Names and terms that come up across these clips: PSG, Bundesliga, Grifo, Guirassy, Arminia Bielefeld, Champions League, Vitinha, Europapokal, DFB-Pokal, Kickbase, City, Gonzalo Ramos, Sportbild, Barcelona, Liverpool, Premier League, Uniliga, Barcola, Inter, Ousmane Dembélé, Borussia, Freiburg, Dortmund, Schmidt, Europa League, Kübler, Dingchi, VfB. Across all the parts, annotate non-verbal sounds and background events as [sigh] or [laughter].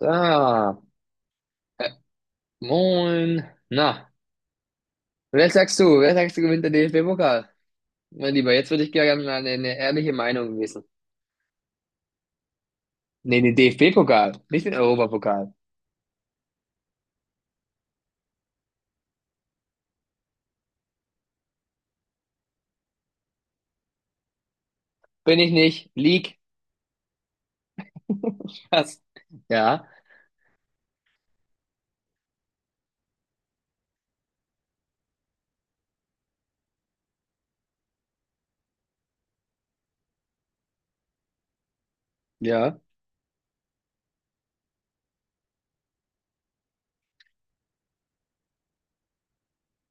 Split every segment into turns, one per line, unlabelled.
Ah, moin. Na, wer sagst du? Wer sagst du gewinnt den DFB-Pokal? Mein Lieber, jetzt würde ich gerne mal eine ehrliche Meinung wissen. Nee, den DFB-Pokal, nicht den Europapokal. Bin ich nicht. League. [laughs] Was? Ja, ja.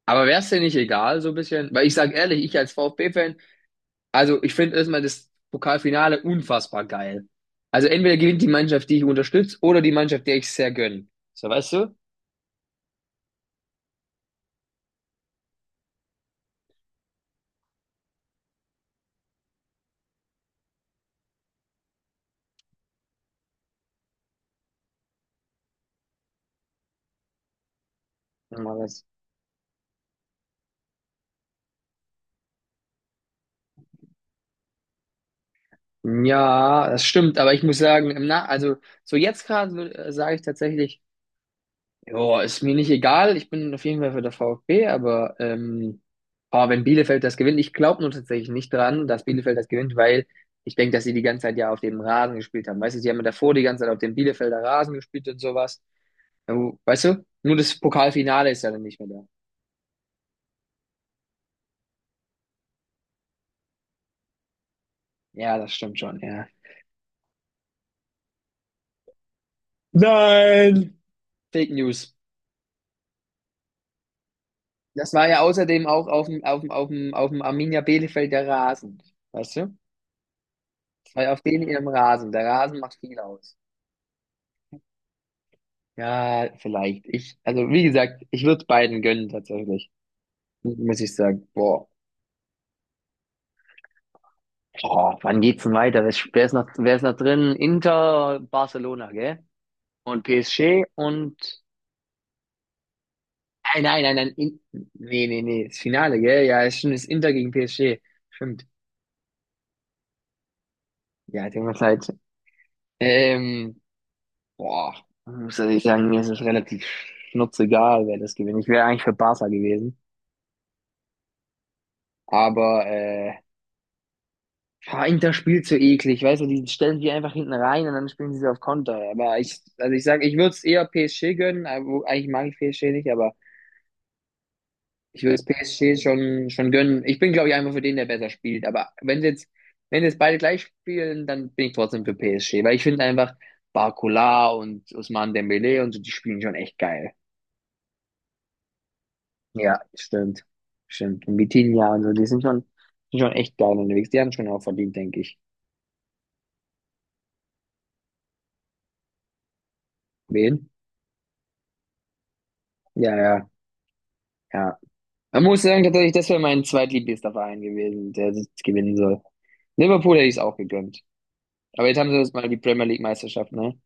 Aber wäre es dir nicht egal, so ein bisschen? Weil ich sag ehrlich, ich als VfB-Fan, also ich finde erstmal das Pokalfinale unfassbar geil. Also entweder gewinnt die Mannschaft, die ich unterstütze, oder die Mannschaft, der ich sehr gönne. So, weißt du? Ja, ja, das stimmt, aber ich muss sagen, im na also so jetzt gerade sage ich tatsächlich, ja, ist mir nicht egal, ich bin auf jeden Fall für der VfB, aber boah, wenn Bielefeld das gewinnt. Ich glaube nur tatsächlich nicht dran, dass Bielefeld das gewinnt, weil ich denke, dass sie die ganze Zeit ja auf dem Rasen gespielt haben. Weißt du, sie haben ja davor die ganze Zeit auf dem Bielefelder Rasen gespielt und sowas. Ja, weißt du? Nur das Pokalfinale ist ja dann nicht mehr da. Ja, das stimmt schon, ja. Nein! Fake News. Das war ja außerdem auch auf dem Arminia Bielefeld der Rasen. Weißt du? Das war ja auf denen ihrem Rasen. Der Rasen macht viel aus. Ja, vielleicht. Ich, also wie gesagt, ich würde beiden gönnen tatsächlich. Muss ich sagen. Boah. Boah, wann geht's denn weiter? Wer ist noch drin? Inter, Barcelona, gell? Und PSG und nein, nein, nein, nein. Nee, nee, nee. Das Finale, gell? Ja, ist schon das Inter gegen PSG. Stimmt. Ja, tut mir leid. Ähm, Boah, ich muss ich sagen, mir ist es relativ schnurzegal, wer das gewinnt. Ich wäre eigentlich für Barca gewesen. Aber boah, Inter spielt so eklig, weißt du, die stellen die einfach hinten rein und dann spielen sie so auf Konter. Aber ich, also ich sag ich würde es eher PSG gönnen, aber eigentlich mag ich PSG nicht, aber ich würde es PSG schon gönnen. Ich bin, glaube ich, einfach für den, der besser spielt. Aber wenn sie jetzt, wenn jetzt beide gleich spielen, dann bin ich trotzdem für PSG, weil ich finde einfach Barcola und Ousmane Dembélé und so, die spielen schon echt geil. Ja, stimmt. Stimmt. Und Vitinha und so, die sind schon echt geil unterwegs. Die haben schon auch verdient, denke ich. Wen? Ja, ja, ja. Man muss sagen, tatsächlich, das wäre mein zweitliebster Verein gewesen, der das gewinnen soll. Liverpool hätte ich es auch gegönnt. Aber jetzt haben sie jetzt mal die Premier League Meisterschaft, ne?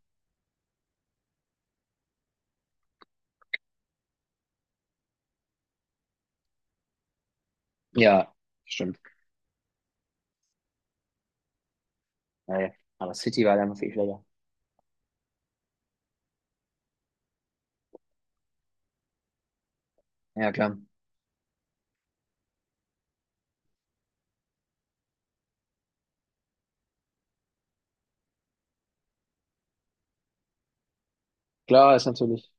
Ja, stimmt. Naja, aber City war da einfach viel schlechter. Ja, klar. Klar, ist natürlich,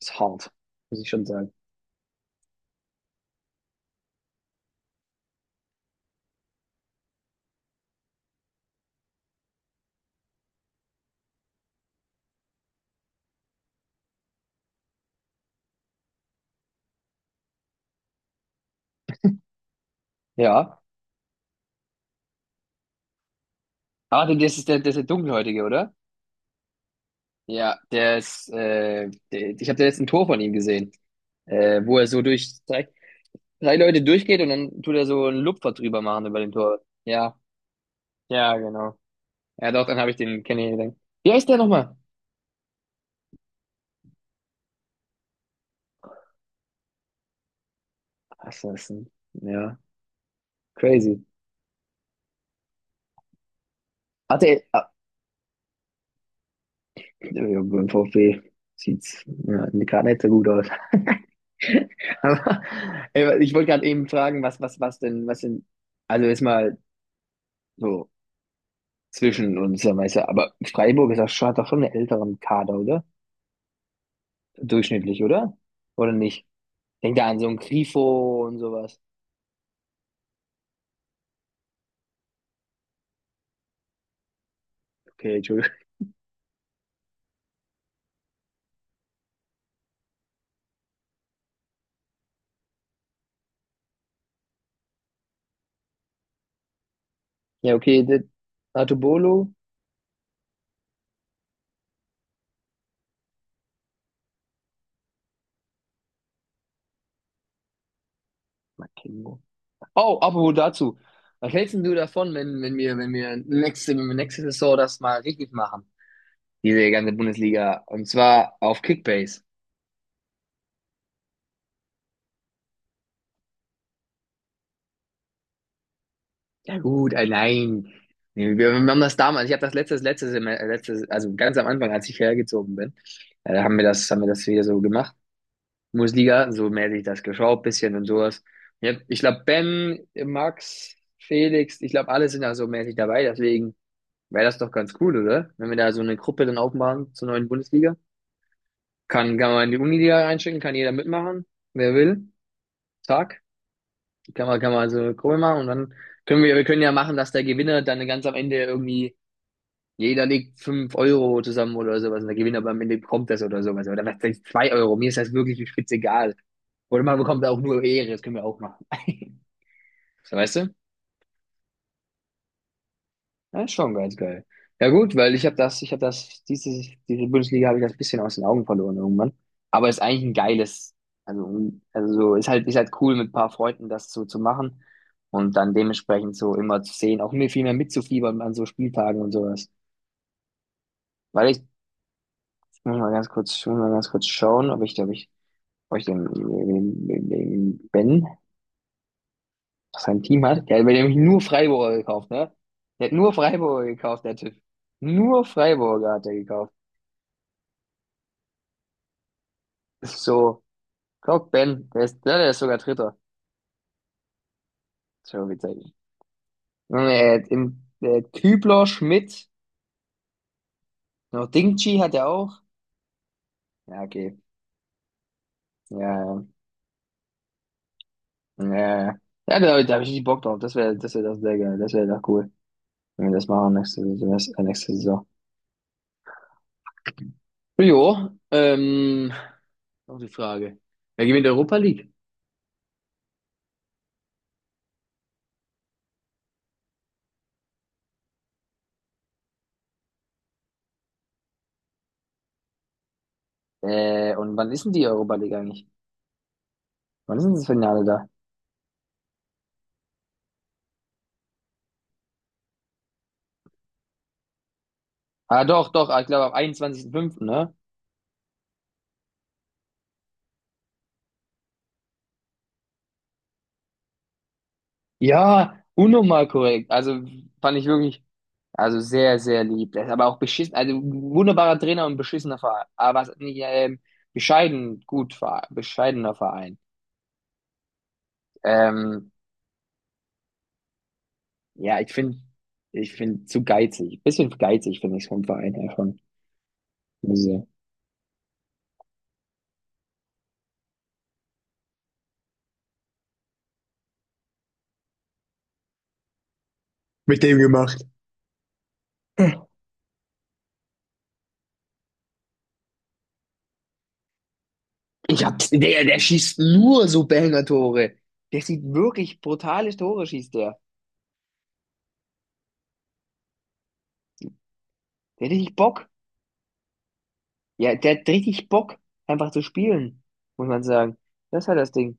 ist hart, muss ich schon sagen. Ja. Ah, das ist der Dunkelhäutige, oder? Ja, der ist, der, ich habe da jetzt ein Tor von ihm gesehen. Wo er so durch drei Leute durchgeht und dann tut er so einen Lupfer drüber machen über den Torwart. Ja, ja, genau. Ja, doch, dann habe ich den kennengelernt. Wie heißt der nochmal? Assassin. Ja, crazy. Hatte, ah, ja, beim VfB sieht's ja, gerade nicht so gut aus. [laughs] Aber ich wollte gerade eben fragen, was denn, also ist mal so zwischen uns, ja, weißt du, aber Freiburg ist auch schon, hat doch schon einen älteren Kader, oder? Durchschnittlich, oder? Oder nicht? Denk da an so ein Grifo und sowas. Okay, Entschuldigung. Ja, okay, das Artobolo. Makemo. Oh, apropos dazu. Was hältst denn du davon, wenn wir nächste Saison das mal richtig machen? Diese ganze Bundesliga. Und zwar auf Kickbase. Ja gut, nein. Nee, wir haben das damals, ich habe das letztes, also ganz am Anfang, als ich hergezogen bin, haben wir das wieder so gemacht. Bundesliga, so mäßig das geschaut, bisschen und sowas. Ich glaube, Ben, Max, Felix, ich glaube, alle sind da so mäßig dabei, deswegen wäre das doch ganz cool, oder? Wenn wir da so eine Gruppe dann aufmachen zur neuen Bundesliga. Kann man in die Uniliga einschicken, kann jeder mitmachen, wer will. Zack. Kann man so eine Gruppe machen und dann wir können ja machen, dass der Gewinner dann ganz am Ende irgendwie. Jeder legt 5 € zusammen oder sowas und der Gewinner am Ende bekommt das oder sowas. Oder was heißt 2 Euro? Mir ist das wirklich spitzegal. Oder man bekommt auch nur Ehre, das können wir auch machen. [laughs] So, weißt du? Das ist schon ganz geil. Ja gut, weil ich habe das, diese Bundesliga habe ich das ein bisschen aus den Augen verloren irgendwann. Aber ist eigentlich ein geiles, also, also so, ist halt cool mit ein paar Freunden das so zu machen und dann dementsprechend so immer zu sehen, auch mir viel mehr mitzufiebern an so Spieltagen und sowas. Weil ich muss mal ganz kurz, ich muss mal ganz kurz schauen, ob ich, hab ich den Ben, was sein Team hat, der hat mir nämlich nur Freiburger gekauft, ne? Der hat nur Freiburger gekauft, der Typ. Nur Freiburger hat er gekauft. Das ist so, guck, Ben, der ist sogar Dritter. So witzig. Und er hat im, der hat Kübler, Schmidt, noch Dingchi hat er auch. Ja, okay. Ja, ja, ja, ja. Ja, da habe ich nicht Bock drauf. Das wäre das sehr geil. Das wäre doch cool, wenn wir das machen nächste, nächste Saison. Jo, noch die Frage. Wer gewinnt die Europa League? Und wann ist denn die Europa League eigentlich? Wann ist denn das Finale da? Ah, doch, doch, ich glaube am 21.05., ne? Ja, unnormal korrekt. Also fand ich wirklich, also sehr, sehr lieb. Das ist aber auch beschissen, also wunderbarer Trainer und beschissener Verein. Aber was nicht, bescheiden, gut, bescheidener Verein. Ähm, ja, ich finde zu geizig. Bisschen geizig finde ich vom Verein her schon. Muss ich sagen. Mit dem gemacht. Ich hab, der schießt nur so Banger-Tore. Der sieht wirklich brutale Tore, schießt der. Der hat richtig Bock. Ja, der hat richtig Bock, einfach zu spielen, muss man sagen. Das ist halt das Ding.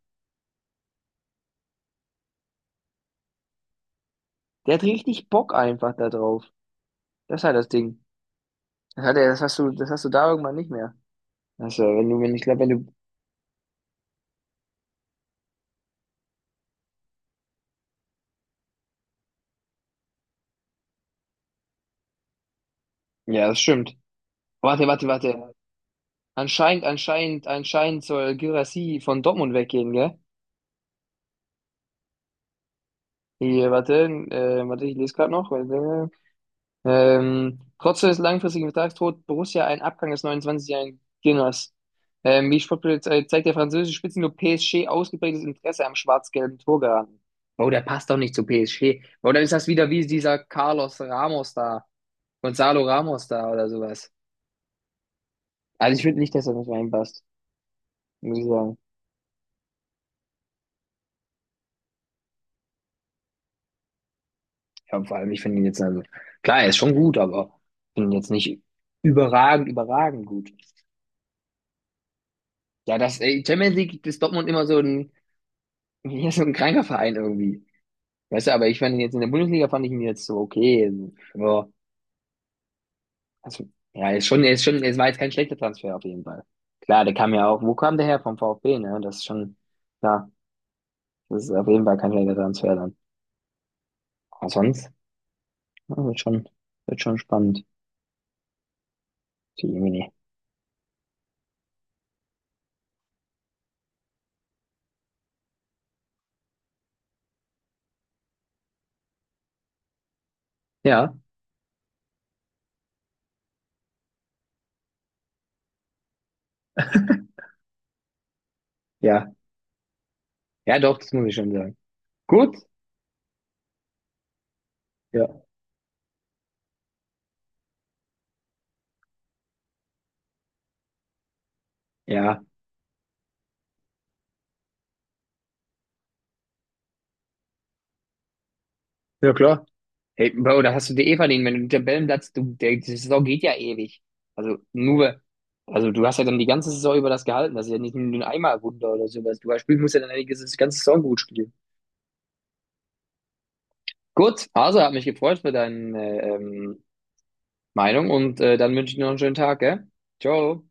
Der hat richtig Bock einfach da drauf. Das ist halt das Ding. Das hat er, das hast du da irgendwann nicht mehr. Also, wenn du, wenn, ich glaube, wenn du, ja, das stimmt. Warte, warte, warte. Anscheinend soll Guirassy von Dortmund weggehen, gell? Hier, warte, warte, ich lese gerade noch. Warte. Trotz des langfristigen Vertragstod Borussia einen Abgang des 29-jährigen Gunners. Wie Sportbild zeigt der französische Spitzenklub PSG ausgeprägtes Interesse am schwarz-gelben Torgarten. Oh, der passt doch nicht zu PSG. Oder ist das wieder wie dieser Carlos Ramos da, Gonzalo Ramos da oder sowas? Also ich finde nicht, dass er nicht reinpasst, muss ich sagen. Ja, vor allem, ich finde ihn jetzt, also, klar, er ist schon gut, aber ich finde ihn jetzt nicht überragend, überragend gut. Ja, das Champions League ist Dortmund immer so ein, [laughs] ja, so ein kranker Verein irgendwie. Weißt du, aber ich fand ihn jetzt in der Bundesliga, fand ich ihn jetzt so okay. Ja, also, ja, es war jetzt kein schlechter Transfer auf jeden Fall. Klar, der kam ja auch, wo kam der her? Vom VfB, ne? Das ist schon, ja, das ist auf jeden Fall kein schlechter Transfer dann. Aber sonst, ja, wird schon spannend. Die Jemine. Ja, ja, ja, doch, das muss ich schon sagen. Gut, ja, ja, ja, klar. Hey, Bro, da hast du dir eh verdient. Wenn du den Tabellenplatz, du, der, die Saison geht ja ewig. Also nur, also du hast ja dann die ganze Saison über das gehalten. Das ist ja nicht nur ein Einmalwunder oder sowas. Du spielst, musst ja dann eigentlich die ganze Saison gut spielen. Gut, also hat mich gefreut für deine Meinung und dann wünsche ich dir noch einen schönen Tag, gell? Ciao.